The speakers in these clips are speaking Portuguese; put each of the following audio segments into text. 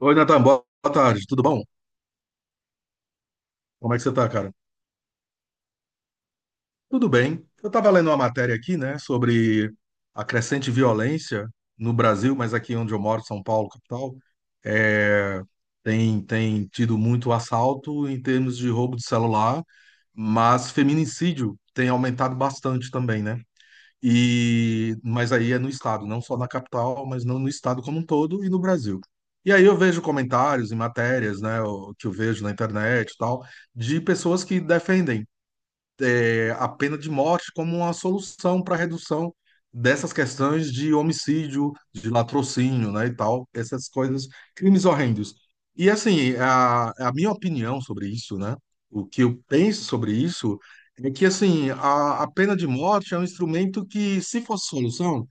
Oi, Natan, boa tarde, tudo bom? Como é que você tá, cara? Tudo bem. Eu estava lendo uma matéria aqui, né, sobre a crescente violência no Brasil, mas aqui onde eu moro, São Paulo, capital, é, tem, tido muito assalto em termos de roubo de celular, mas feminicídio tem aumentado bastante também, né? E, mas aí é no estado, não só na capital, mas não no estado como um todo e no Brasil. E aí eu vejo comentários e matérias, né, que eu vejo na internet e tal, de pessoas que defendem a pena de morte como uma solução para a redução dessas questões de homicídio, de latrocínio, né, e tal, essas coisas, crimes horrendos. E assim, a minha opinião sobre isso, né, o que eu penso sobre isso é que assim, a pena de morte é um instrumento que, se fosse solução,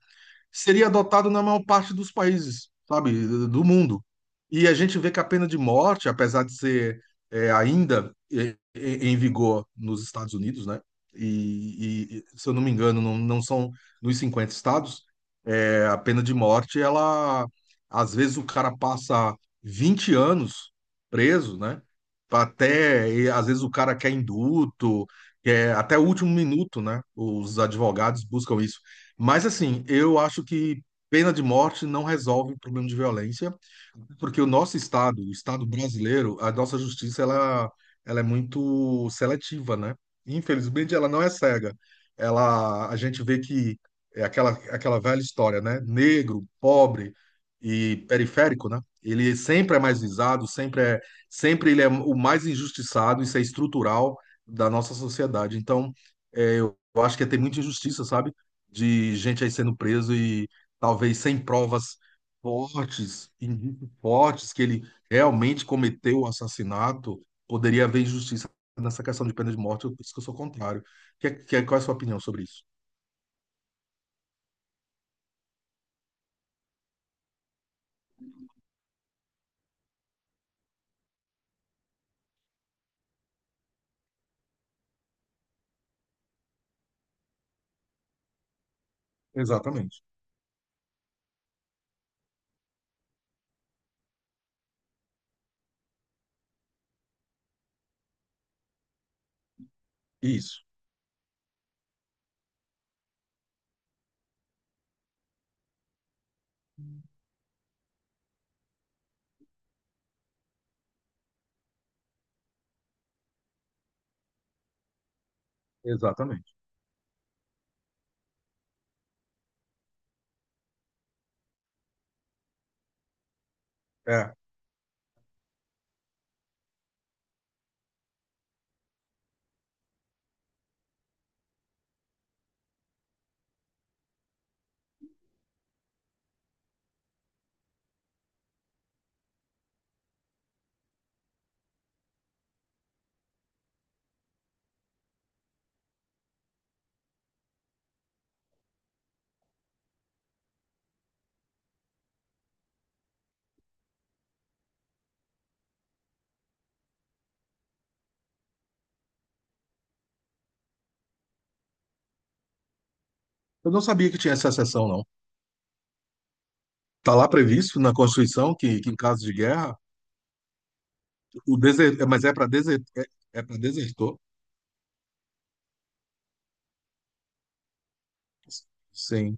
seria adotado na maior parte dos países, sabe, do mundo. E a gente vê que a pena de morte, apesar de ser ainda em vigor nos Estados Unidos, né? E, se eu não me engano, não, não são nos 50 estados, a pena de morte, ela às vezes o cara passa 20 anos preso, né? Até, e às vezes o cara quer indulto, quer até o último minuto, né? Os advogados buscam isso. Mas assim, eu acho que pena de morte não resolve o problema de violência. Porque o nosso estado, o estado brasileiro, a nossa justiça ela é muito seletiva, né? Infelizmente, ela não é cega. Ela, a gente vê que é aquela, aquela velha história, né? Negro, pobre e periférico, né? Ele sempre é mais visado, sempre é, sempre ele é o mais injustiçado, isso é estrutural da nossa sociedade. Então, eu acho que tem muita injustiça, sabe? De gente aí sendo preso e talvez sem provas fortes, indícios fortes que ele realmente cometeu o assassinato, poderia haver injustiça nessa questão de pena de morte, por isso que eu sou contrário. Qual é a sua opinião sobre isso? Exatamente. Isso, exatamente. É. Eu não sabia que tinha essa exceção, não. Está lá previsto na Constituição que em caso de guerra, o deser... mas é para deser... é, é para desertor. Sim,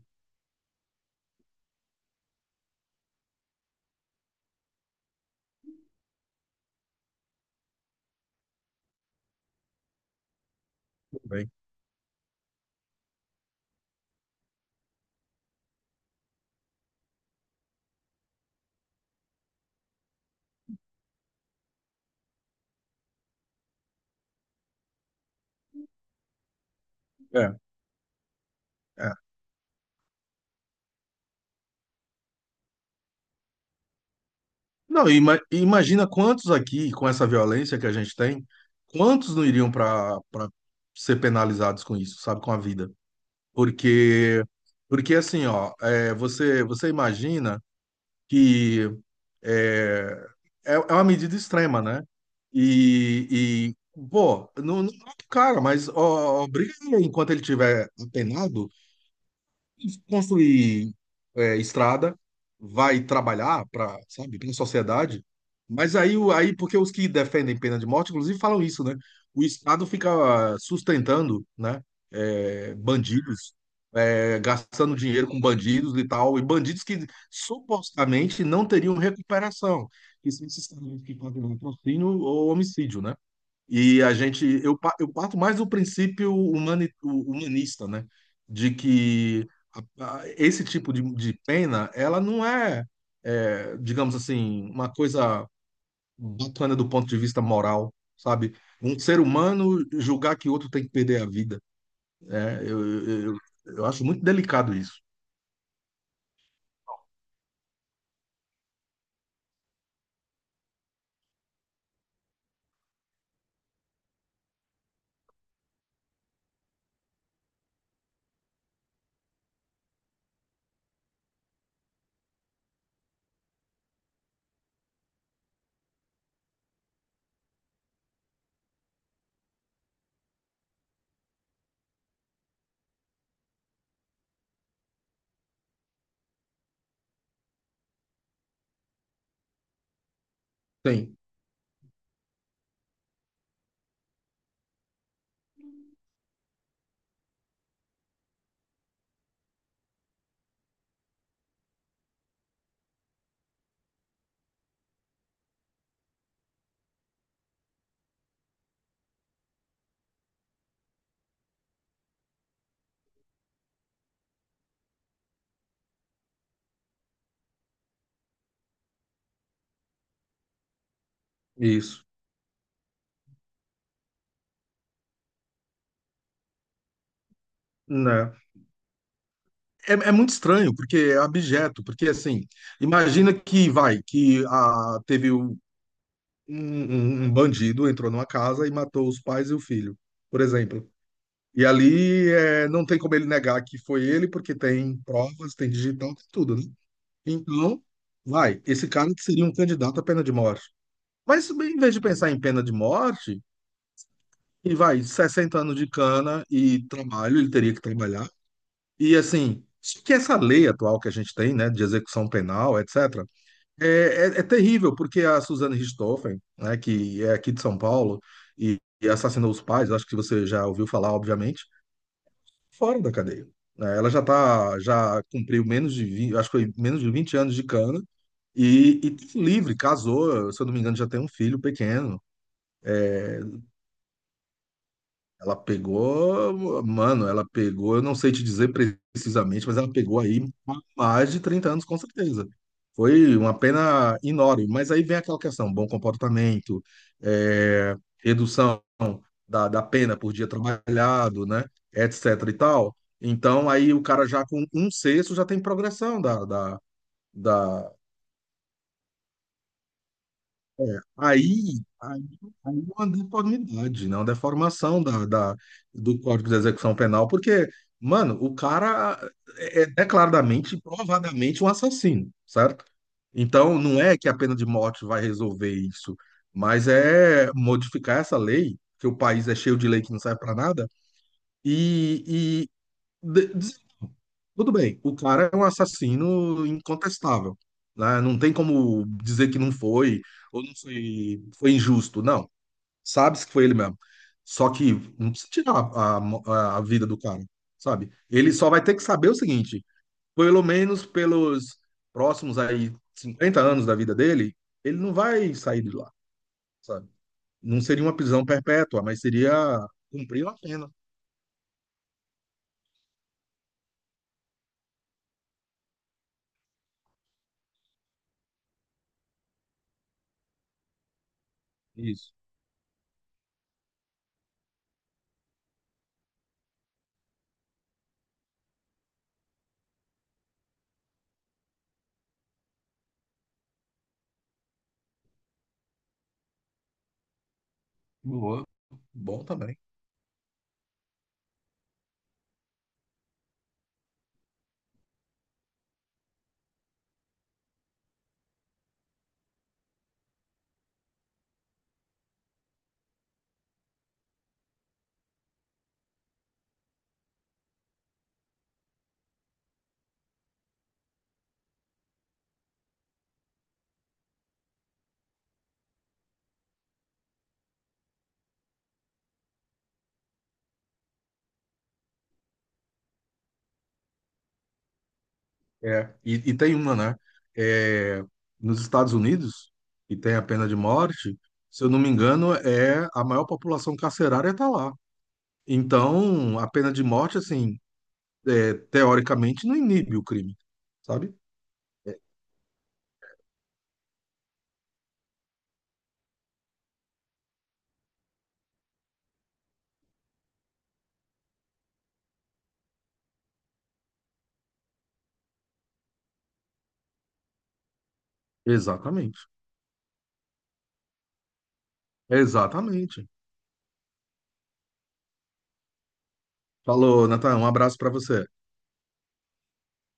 tudo bem. É, é. Não, imagina quantos aqui, com essa violência que a gente tem, quantos não iriam para ser penalizados com isso, sabe, com a vida? Porque porque assim, ó, é, você imagina que é, é uma medida extrema, né? E, e pô, não, não mata o cara, mas ó, obriga ele enquanto ele tiver apenado construir estrada, vai trabalhar para, sabe, para a sociedade. Mas aí, aí, porque os que defendem pena de morte, inclusive, falam isso, né? O Estado fica sustentando, né, bandidos, gastando dinheiro com bandidos e tal, e bandidos que supostamente não teriam recuperação, que são esses caras que pagam patrocínio ou homicídio, né? E a gente, eu, eu parto mais do princípio humanista, né? De que esse tipo de pena, ela não é, é, digamos assim, uma coisa bacana do ponto de vista moral, sabe? Um ser humano julgar que outro tem que perder a vida. Né? Eu acho muito delicado isso. Tem, isso. Né? É, é muito estranho, porque é abjeto, porque assim, imagina que vai, que a, teve um, um bandido entrou numa casa e matou os pais e o filho, por exemplo. E ali é, não tem como ele negar que foi ele, porque tem provas, tem digital, tem tudo, né? Então, vai, esse cara que seria um candidato à pena de morte. Mas em vez de pensar em pena de morte, e vai, 60 anos de cana e trabalho, ele teria que trabalhar. E assim, só que essa lei atual que a gente tem, né, de execução penal, etc., é, é terrível, porque a Suzane Richthofen, né, que é aqui de São Paulo e assassinou os pais, acho que você já ouviu falar, obviamente, fora da cadeia. Né? Ela já tá, já cumpriu menos de 20, acho que foi menos de 20 anos de cana e livre, casou, se eu não me engano, já tem um filho pequeno. Ela pegou, mano, ela pegou, eu não sei te dizer precisamente, mas ela pegou aí mais de 30 anos, com certeza. Foi uma pena enorme. Mas aí vem aquela questão: bom comportamento, redução da pena por dia trabalhado, né? Etc e tal. Então aí o cara já com um sexto já tem progressão da, é, aí, aí é uma deformidade, né? Uma deformação do Código de Execução Penal, porque, mano, o cara é declaradamente, provadamente um assassino, certo? Então, não é que a pena de morte vai resolver isso, mas é modificar essa lei, que o país é cheio de lei que não serve para nada, e de- tudo bem, o cara é um assassino incontestável, né? Não tem como dizer que não foi, ou não foi, foi injusto, não. Sabe-se que foi ele mesmo. Só que não precisa tirar a vida do cara, sabe? Ele só vai ter que saber o seguinte, pelo menos pelos próximos aí 50 anos da vida dele, ele não vai sair de lá, sabe? Não seria uma prisão perpétua, mas seria cumprir uma pena. Isso. Boa. Bom também. É, e tem uma, né? É, nos Estados Unidos, que tem a pena de morte, se eu não me engano, é a maior população carcerária está lá. Então, a pena de morte, assim, teoricamente, não inibe o crime, sabe? Exatamente. Exatamente. Falou, Natan, um abraço para você.